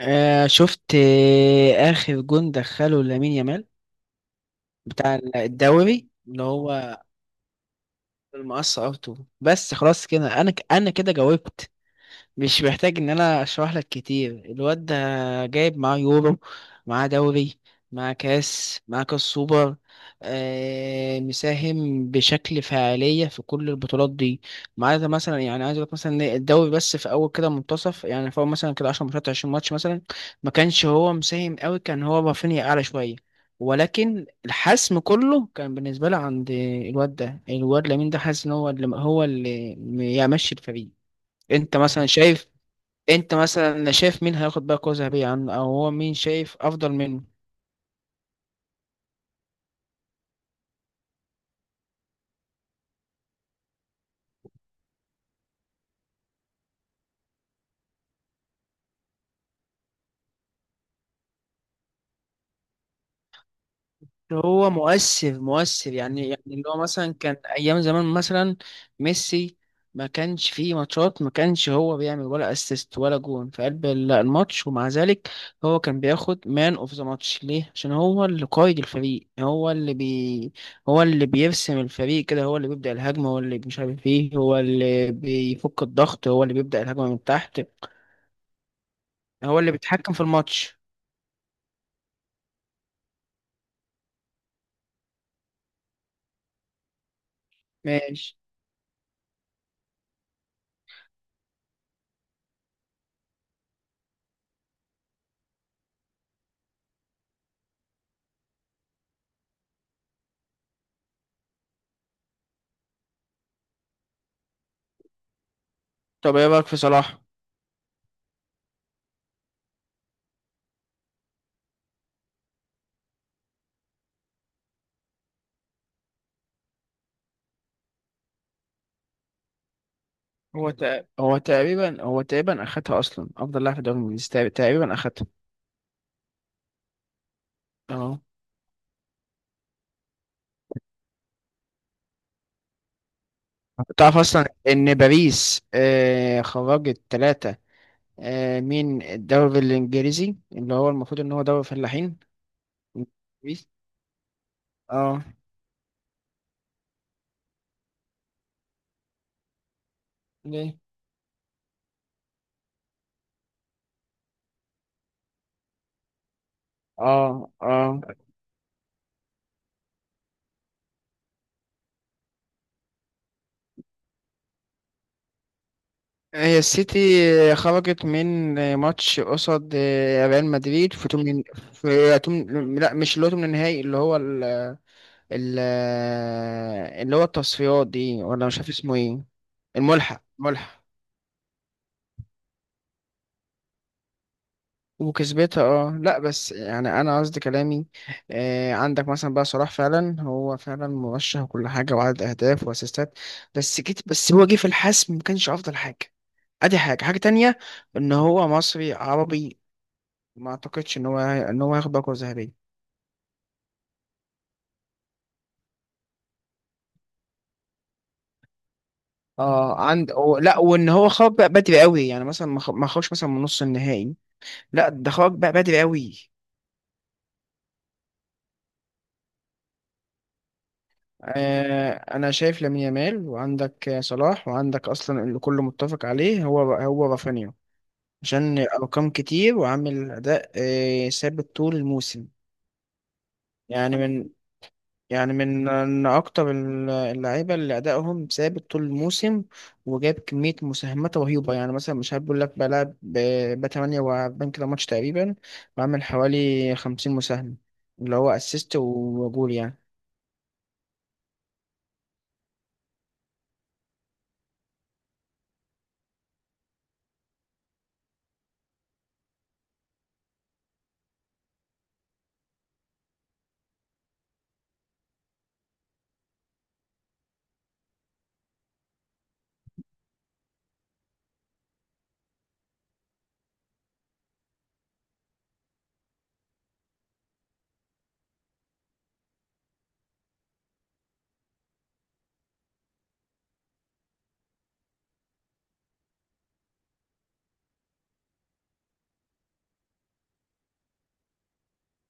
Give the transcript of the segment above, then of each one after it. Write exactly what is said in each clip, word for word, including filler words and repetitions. آه شفت آه آخر جون دخله لامين يامال بتاع الدوري اللي هو المقص ارتو. بس خلاص كده انا ك- انا كده جاوبت. مش محتاج ان انا اشرح لك كتير. الواد ده جايب معاه يورو، معاه دوري، معاه كاس، معاه كاس سوبر، آه مساهم بشكل فعالية في كل البطولات دي، ما عدا مثلا يعني عايز اقول لك مثلا إن الدوري بس في اول كده منتصف، يعني في اول مثلا كده عشر ماتشات عشرين ماتش مثلا ما كانش هو مساهم قوي، كان هو رافينيا اعلى شوية. ولكن الحسم كله كان بالنسبة لي عند الواد ده، الواد لامين ده حاسس ان هو اللي هو اللي يمشي الفريق. انت مثلا شايف، انت مثلا شايف مين هياخد بقى كرة ذهبية عنه، او هو مين شايف افضل منه؟ هو مؤثر مؤثر يعني، يعني اللي هو مثلا كان ايام زمان مثلا ميسي، ما كانش فيه ماتشات ما كانش هو بيعمل ولا اسيست ولا جون في قلب ال- الماتش، ومع ذلك هو كان بياخد مان اوف ذا ماتش. ليه؟ عشان هو اللي قائد الفريق، هو اللي بي، هو اللي بيرسم الفريق كده، هو اللي بيبدأ الهجمة، هو اللي مش عارف ايه، هو اللي بيفك الضغط، هو اللي بيبدأ الهجمة من تحت، هو اللي بيتحكم في الماتش. ماشي، طب ايه رايك في صلاح؟ هو تق... هو تقريبا، هو تقريبا اخدها اصلا افضل لاعب في الدوري الانجليزي، تق- تقريبا اخدها. اه، تعرف اصلا ان باريس آه خرجت ثلاثة، آه من الدوري الانجليزي اللي هو المفروض ان هو دوري فلاحين. باريس، اه. ليه؟ اه اه. هي السيتي آه، خرجت من آه، ماتش قصاد آه، ريال مدريد في تمن، في تمن، لا مش اللي هو تمن النهائي، اللي هو ال- اللي هو التصفيات دي، ولا مش عارف اسمه ايه. الملحق، ملحق. وكسبتها، اه. لا بس يعني انا قصدي كلامي، آه عندك مثلا بقى صلاح، فعلا هو فعلا مرشح وكل حاجه وعدد اهداف واسيستات، بس جيت بس هو جه في الحسم ما كانش افضل حاجه. ادي حاجه، حاجه تانية ان هو مصري عربي، ما اعتقدش ان هو ان هو هياخد باكو ذهبيه. اه عند و... لا، وان هو خرج بقى بدري قوي، يعني مثلا ما خ- ما خرجش مثلا من نص النهائي. لا، ده خرج بقى بدري قوي. آه، انا شايف لامين يامال، وعندك آه، صلاح، وعندك اصلا اللي كله متفق عليه هو هو رافينيا، عشان ارقام كتير وعامل اداء آه، ثابت طول الموسم. يعني من، يعني من من اكتر ال- اللعيبه اللي ادائهم ثابت طول الموسم، وجاب كميه مساهمات رهيبه. يعني مثلا مش هقول لك بلعب ب تمنية واربعين كده ماتش تقريبا، بعمل حوالي خمسين مساهمه، اللي هو اسيست وجول يعني.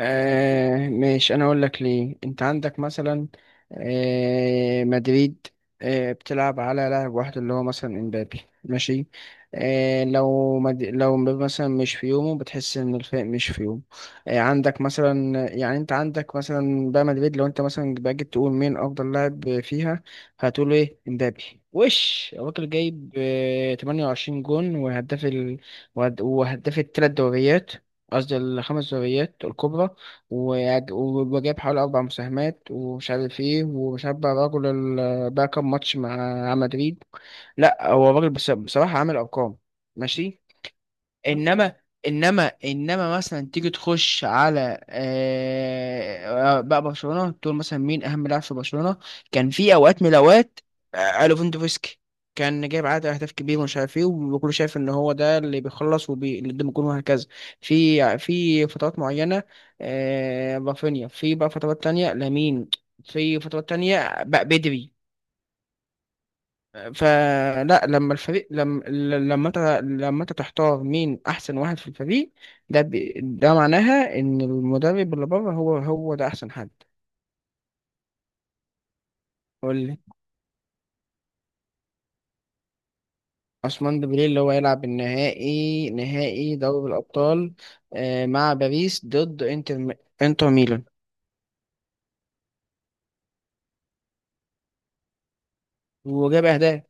آه ماشي، انا اقول لك ليه. انت عندك مثلا آه مدريد، آه بتلعب على لاعب واحد اللي هو مثلا امبابي، ماشي. آه لو مد... لو مبابي مثلا مش في يومه، بتحس ان الفريق مش في يومه. آه عندك مثلا يعني، انت عندك مثلا بقى مدريد، لو انت مثلا باجي تقول مين افضل لاعب فيها، هتقول ايه؟ امبابي. وش الراجل جايب؟ آه تمنية وعشرين جون، وهداف ال... وهد- وهداف الثلاث دوريات، قصدي الخمس دوريات الكبرى، ويعج- وجاب حوالي أربع مساهمات ومش عارف إيه، ومش عارف بقى الراجل ال- بقى كام ماتش مع مع مدريد. لأ، هو الراجل بص- بصراحة عامل أرقام، ماشي. انما، انما، انما مثلا تيجي تخش على آه، بقى برشلونه، تقول مثلا مين اهم لاعب في برشلونه؟ كان في اوقات من الاوقات آه، ليفاندوفسكي كان جايب عدد اهداف كبير ومش عارف ايه، وكله شايف ان هو ده اللي بيخلص وبي اللي قدام الجون وهكذا. في في فترات معينه آه، رافينيا، في بقى فترات تانية لامين، في فترات تانية بقى بدري. فلا، لما الفريق، لما، لما انت، لما انت تحتار مين احسن واحد في الفريق، ده بي... ده معناها ان المدرب اللي بره هو، هو ده احسن حد. قول لي. عثمان ديمبلي اللي هو يلعب النهائي، نهائي دوري الابطال، آه، مع باريس ضد انتر، انتر ميلان. وجاب اهداف.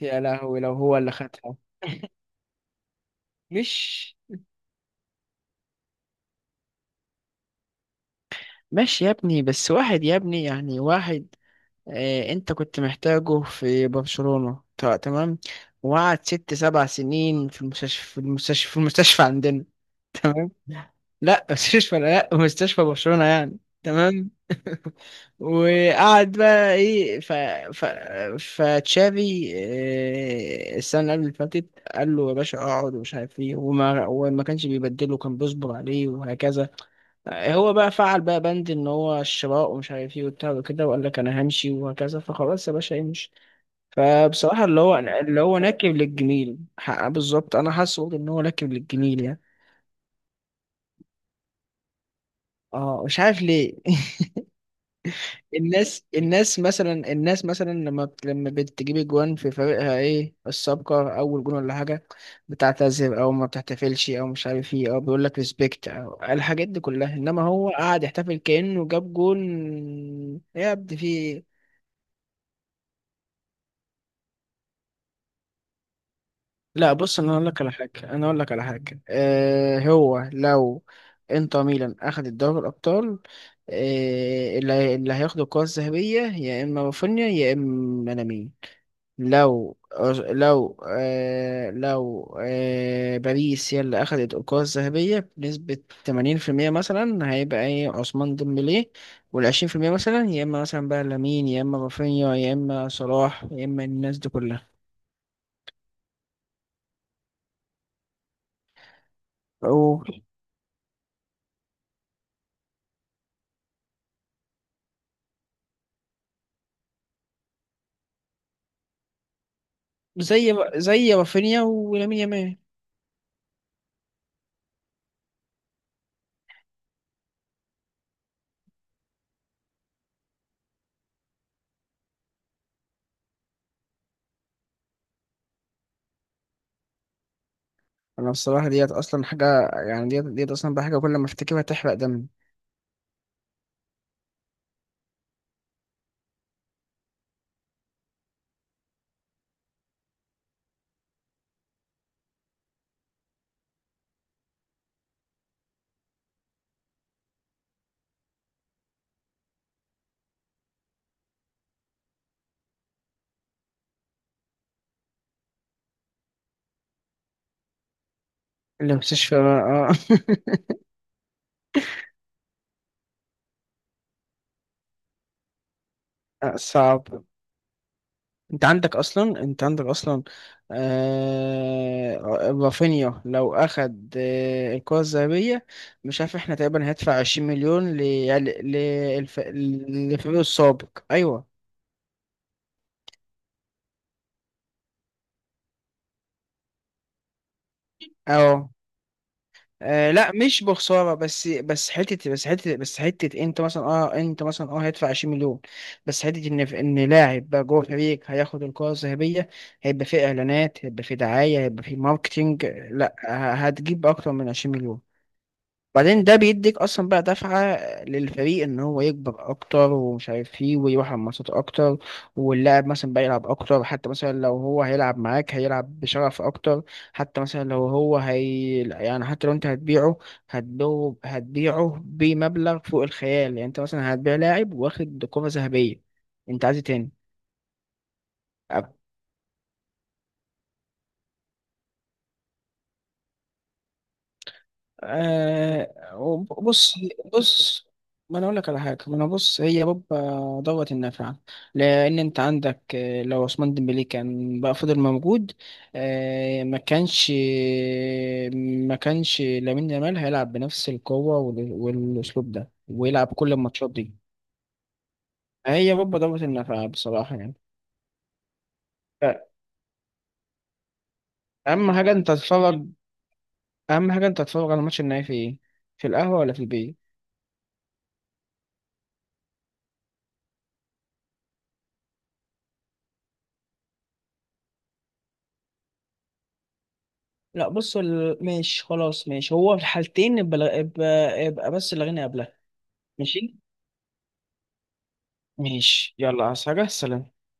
يا لهوي لو هو اللي خدها. مش ماشي يا ابني، بس واحد يا ابني، يعني واحد. آه، انت كنت محتاجه في برشلونة ت- تمام، وقعد ست سبع سنين في المستشفى، في المستشفى، في المستشفى عندنا. تمام. لا مستشفى، لا مستشفى برشلونة يعني. تمام. وقعد بقى ايه، ف، ف، فتشافي آه، السنة اللي قبل اللي فاتت قال له يا باشا اقعد ومش عارف ايه، وما وما كانش بيبدله، كان بيصبر عليه وهكذا. هو بقى فعل بقى بند ان هو الشراء ومش عارف ايه وبتاع وكده، وقال لك انا همشي وهكذا. فخلاص يا باشا امشي. فبصراحه اللي هو اللي هو ناكب للجميل حق- بالظبط، انا حاسس برضه ان هو ناكب للجميل يعني. اه مش عارف ليه. الناس، الناس مثلا الناس مثلا لما بت- لما بتجيب اجوان في فريقها، ايه السابقه اول جون ولا حاجه، بتعتذر او ما بتحتفلش او مش عارف ايه، او بيقول لك ريسبكت او الحاجات دي كلها، انما هو قاعد يحتفل كانه جاب جون. يا ابني في إيه؟ لا بص، انا اقول لك على حاجه، انا اقول لك على حاجه. آه هو لو انتر ميلان اخد الدوري الابطال، آه اللي هي- اللي هياخد الكره الذهبيه يا اما رافينيا يا اما لامين. لو، لو آه لو آه باريس هي اللي اخدت الكره الذهبيه بنسبه تمانين في المية مثلا، هيبقى ايه؟ عثمان ديمبلي. وال عشرين في المية مثلا يا اما مثلا بقى لامين يا اما رافينيا يا اما صلاح يا اما الناس دي كلها. زي ما- زي رافينيا ولامين يامال. انا بصراحه ديت اصلا حاجه، يعني ديت ديت اصلا بقى حاجه كل ما افتكرها تحرق دمي. المستشفى، آه. آه، صعب. انت عندك اصلا انت عندك اصلا آه رافينيا لو اخد آه الكرة الذهبية، مش عارف احنا تقريبا هندفع عشرين مليون ل- يعني ل- للف- للفريق السابق، ايوه. اه. آه لا مش بخساره، بس بس حته، بس حته، بس حته انت مثلا اه، انت مثلا اه هيدفع عشرين مليون. بس حته ان ان لاعب بقى جوه فريق هياخد الكره الذهبيه، هيبقى فيه اعلانات، هيبقى فيه دعايه، هيبقى فيه ماركتينج. لا، ه- هتجيب اكتر من عشرين مليون. بعدين ده بيديك اصلا بقى دفعة للفريق ان هو يكبر اكتر ومش عارف ايه، ويروح على الماتشات اكتر، واللاعب مثلا بقى يلعب اكتر. حتى مثلا لو هو هيلعب معاك هيلعب بشغف اكتر. حتى مثلا لو هو هي يعني، حتى لو انت هتبيعه، هتبيعه هتبيعه بمبلغ فوق الخيال. يعني انت مثلا هتبيع لاعب واخد كرة ذهبية، انت عايز إيه تاني؟ آه وب- بص. بص، ما انا اقول لك على حاجه، ما انا بص، هي بابا دوت النافعه. لان انت عندك آه، لو عثمان ديمبلي كان بقى فضل موجود، آه ما كانش ما كانش لامين يامال هيلعب بنفس القوه وال- والاسلوب ده ويلعب كل الماتشات دي. هي بابا دوت النافعه بصراحه يعني. ف- اهم حاجه انت تتفرج، اهم حاجه انت تتفرج على الماتش النهائي في ايه؟ في القهوه ولا في البيت؟ لا بص ال... ماشي، خلاص ماشي، هو في الحالتين يبقى، يبقى يبقى بس الغنى قبلها. ماشي، ماشي، يلا، عايز حاجة؟ سلام.